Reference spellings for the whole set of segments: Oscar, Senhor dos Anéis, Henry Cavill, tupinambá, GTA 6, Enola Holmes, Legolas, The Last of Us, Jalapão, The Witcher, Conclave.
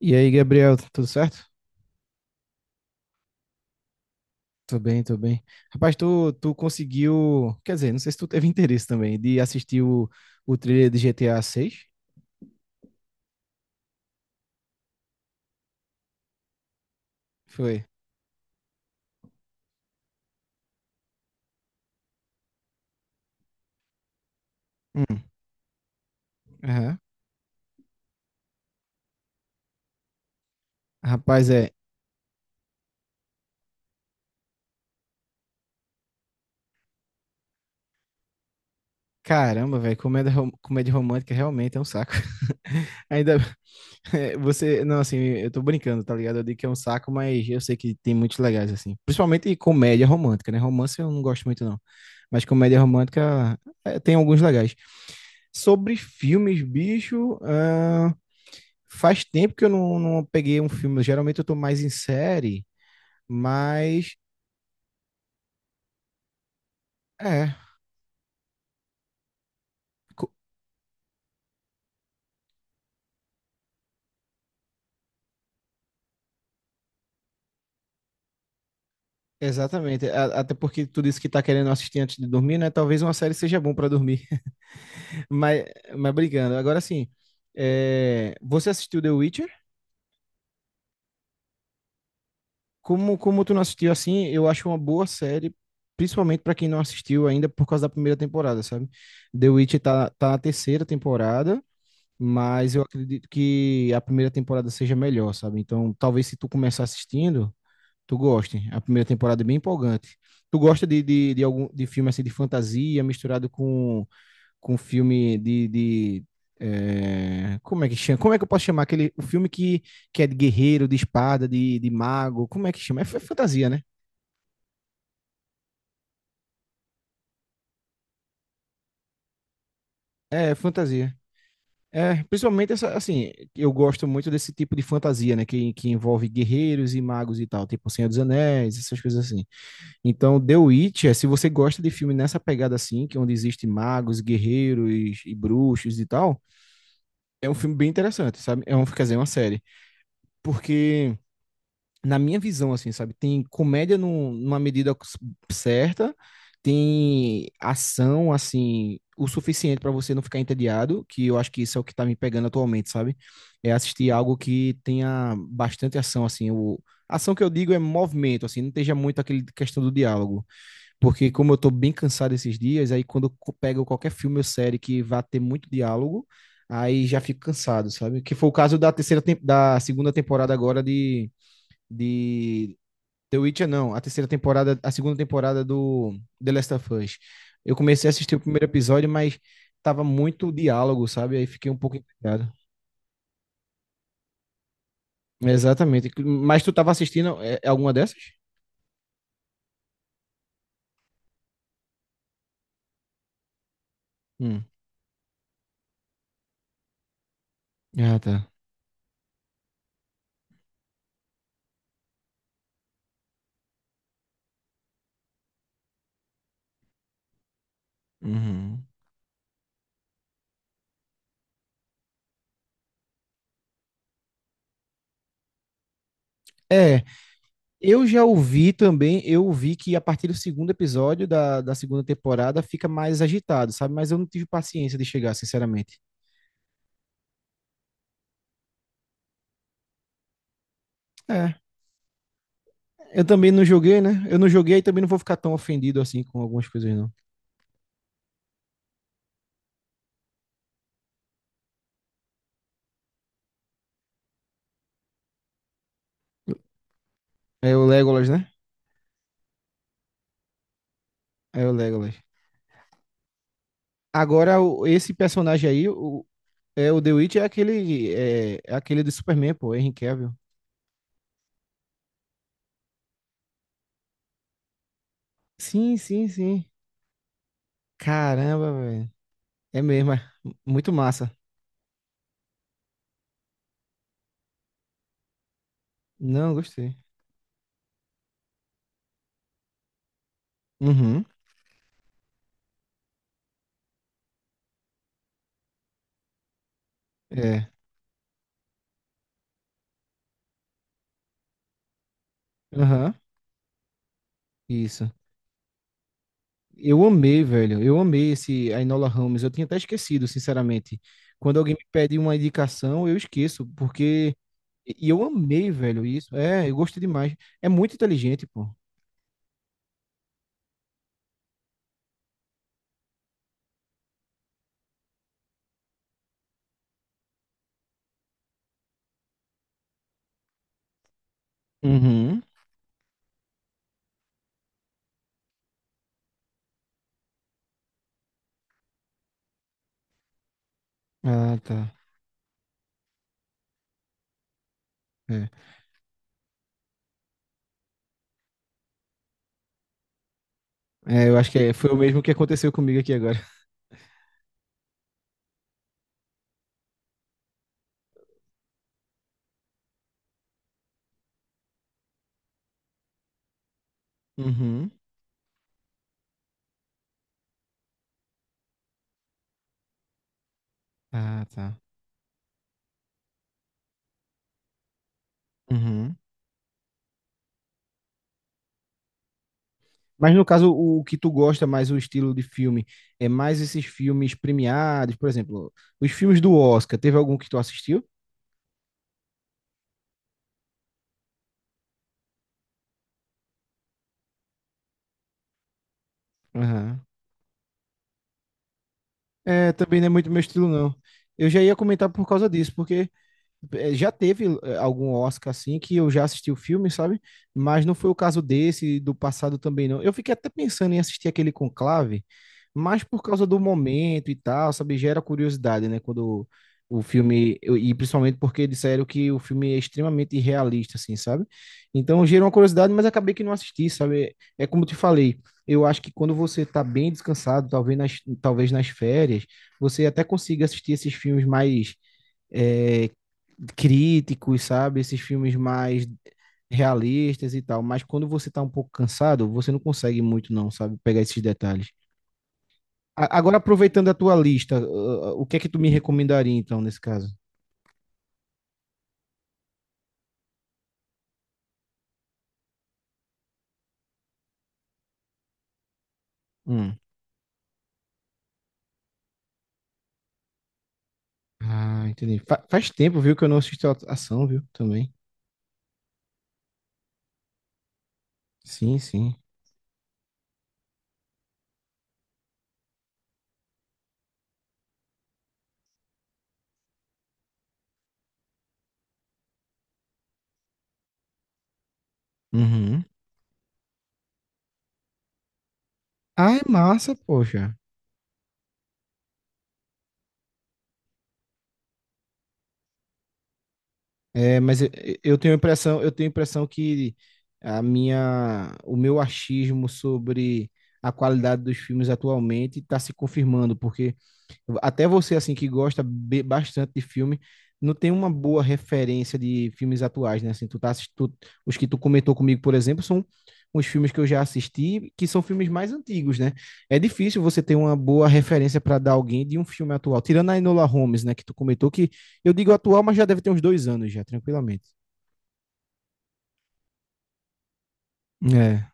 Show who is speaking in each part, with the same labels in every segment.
Speaker 1: E aí, Gabriel, tudo certo? Tô bem, tô bem. Rapaz, tu conseguiu, quer dizer, não sei se tu teve interesse também de assistir o trailer de GTA 6? Foi. Hum, aham. Rapaz, é, Caramba, velho, comédia, comédia romântica realmente é um saco. Ainda é, você, não, assim, eu tô brincando, tá ligado? Eu digo que é um saco, mas eu sei que tem muitos legais, assim. Principalmente comédia romântica, né? Romance eu não gosto muito, não. Mas comédia romântica é, tem alguns legais. Sobre filmes, bicho, faz tempo que eu não, não peguei um filme. Geralmente eu tô mais em série, mas é. Exatamente, até porque tu disse que tá querendo assistir antes de dormir, né? Talvez uma série seja bom pra dormir, mas, brincando. Agora sim, é, você assistiu The Witcher? Como tu não assistiu assim, eu acho uma boa série, principalmente pra quem não assistiu ainda por causa da primeira temporada, sabe? The Witcher tá na terceira temporada, mas eu acredito que a primeira temporada seja melhor, sabe? Então, talvez se tu começar assistindo, tu gosta. A primeira temporada é bem empolgante. Tu gosta de, de algum de filme assim de fantasia misturado com filme de é, como é que chama? Como é que eu posso chamar aquele o filme que é de guerreiro, de espada, de mago? Como é que chama? É, fantasia, né? É fantasia. É, principalmente essa, assim, eu gosto muito desse tipo de fantasia, né? Que envolve guerreiros e magos e tal, tipo Senhor dos Anéis, essas coisas assim. Então, The Witcher, se você gosta de filme nessa pegada assim, que é onde existe magos, guerreiros e bruxos e tal, é um filme bem interessante, sabe? É um, quer dizer, é uma série. Porque, na minha visão, assim, sabe, tem comédia numa medida certa, tem ação, assim, o suficiente para você não ficar entediado, que eu acho que isso é o que tá me pegando atualmente, sabe? É assistir algo que tenha bastante ação, assim, o... Ação que eu digo é movimento, assim, não esteja muito aquele questão do diálogo. Porque como eu tô bem cansado esses dias, aí quando eu pego qualquer filme ou série que vá ter muito diálogo, aí já fico cansado, sabe? Que foi o caso da terceira da segunda temporada agora de de The Witcher, não, a terceira temporada, a segunda temporada do The Last of Us. Eu comecei a assistir o primeiro episódio, mas tava muito diálogo, sabe? Aí fiquei um pouco entediado. Exatamente. Mas tu tava assistindo é, alguma dessas? Hum. Ah, tá. Uhum. É, eu já ouvi também, eu ouvi que a partir do segundo episódio da segunda temporada fica mais agitado, sabe? Mas eu não tive paciência de chegar, sinceramente. É, eu também não joguei, né? Eu não joguei e também não vou ficar tão ofendido assim com algumas coisas, não. É o Legolas, né? É o Legolas. Agora, esse personagem aí, o, é, o The Witch é aquele, é aquele do Superman, pô, Henry Cavill. Sim, sim, sim. Caramba, velho. É mesmo, é muito massa. Não, gostei. Uhum, é. Aham, isso. Eu amei, velho. Eu amei esse a Enola Holmes. Eu tinha até esquecido, sinceramente. Quando alguém me pede uma indicação, eu esqueço, porque. E eu amei, velho, isso. É, eu gostei demais. É muito inteligente, pô. Uhum. Ah, tá. É, É, eu acho que foi o mesmo que aconteceu comigo aqui agora. Uhum. Ah, tá. Uhum. Mas no caso, o que tu gosta mais, o estilo de filme, é mais esses filmes premiados, por exemplo, os filmes do Oscar. Teve algum que tu assistiu? Aham. É, também não é muito meu estilo, não. Eu já ia comentar por causa disso, porque já teve algum Oscar assim que eu já assisti o filme, sabe? Mas não foi o caso desse, do passado também não. Eu fiquei até pensando em assistir aquele Conclave, mas por causa do momento e tal, sabe? Gera curiosidade, né? Quando o filme, e principalmente porque disseram que o filme é extremamente irrealista, assim, sabe? Então gerou uma curiosidade, mas acabei que não assisti, sabe? É como eu te falei, eu acho que quando você tá bem descansado, talvez nas férias, você até consiga assistir esses filmes mais é, críticos, sabe? Esses filmes mais realistas e tal. Mas quando você tá um pouco cansado, você não consegue muito, não, sabe? Pegar esses detalhes. Agora, aproveitando a tua lista, ah, o que é que tu me recomendaria, então, nesse caso? Hum. Ah, entendi. Faz tempo, viu, que eu não assisto a ação, viu? Também. Sim, sim. Uhum. Ah, é massa, poxa. É, mas eu, tenho a impressão, eu tenho a impressão que a minha, o meu achismo sobre a qualidade dos filmes atualmente está se confirmando, porque até você, assim, que gosta bastante de filme, não tem uma boa referência de filmes atuais, né? Assim, tu tá assistindo os que tu comentou comigo, por exemplo, são os filmes que eu já assisti, que são filmes mais antigos, né? É difícil você ter uma boa referência para dar alguém de um filme atual. Tirando a Enola Holmes, né, que tu comentou, que eu digo atual, mas já deve ter uns 2 anos já, tranquilamente. É.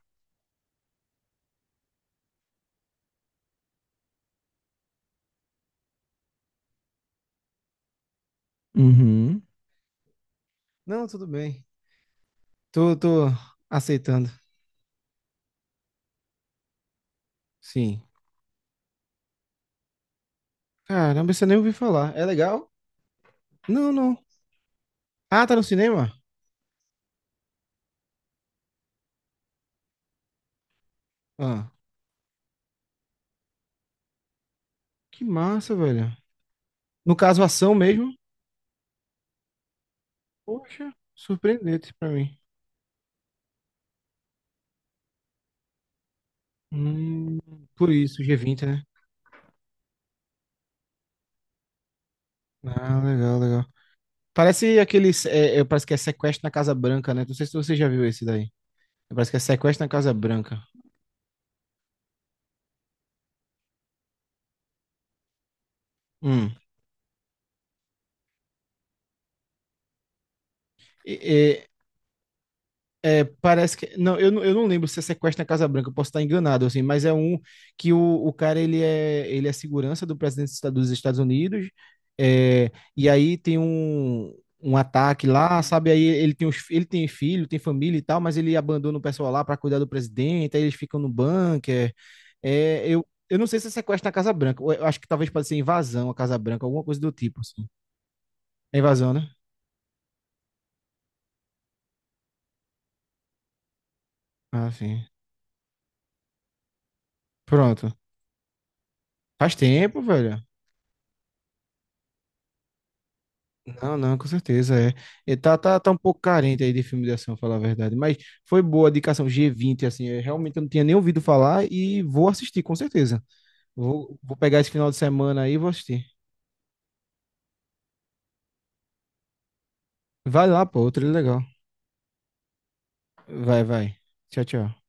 Speaker 1: Uhum. Não, tudo bem. Tô aceitando. Sim. Caramba, você nem ouviu falar. É legal? Não, não. Ah, tá no cinema? Ah, que massa, velho. No caso, ação mesmo? Poxa, surpreendente pra mim. Hum, por isso, G20, né? Ah, legal, legal. Parece aqueles. Parece que é sequestro na Casa Branca, né? Não sei se você já viu esse daí. Parece que é sequestro na Casa Branca. Hum. E- É, parece que. Não eu, não, eu não lembro se é sequestro na Casa Branca, eu posso estar enganado, assim, mas é um que o cara ele é segurança do presidente dos dos Estados Unidos, é, e aí tem um ataque lá, sabe? Aí ele tem, os, ele tem filho, tem família e tal, mas ele abandona o pessoal lá para cuidar do presidente, aí eles ficam no bunker. É, eu não sei se é sequestro na Casa Branca, eu acho que talvez pode ser invasão à Casa Branca, alguma coisa do tipo, assim. É invasão, né? Ah, sim. Pronto. Faz tempo, velho. Não, não, com certeza é. E tá um pouco carente aí de filme de ação, falar a verdade. Mas foi boa a indicação G20, assim. Eu realmente eu não tinha nem ouvido falar e vou assistir, com certeza. Vou pegar esse final de semana aí e vou assistir. Vai lá, pô, outro legal. Vai, vai. Tchau, tchau.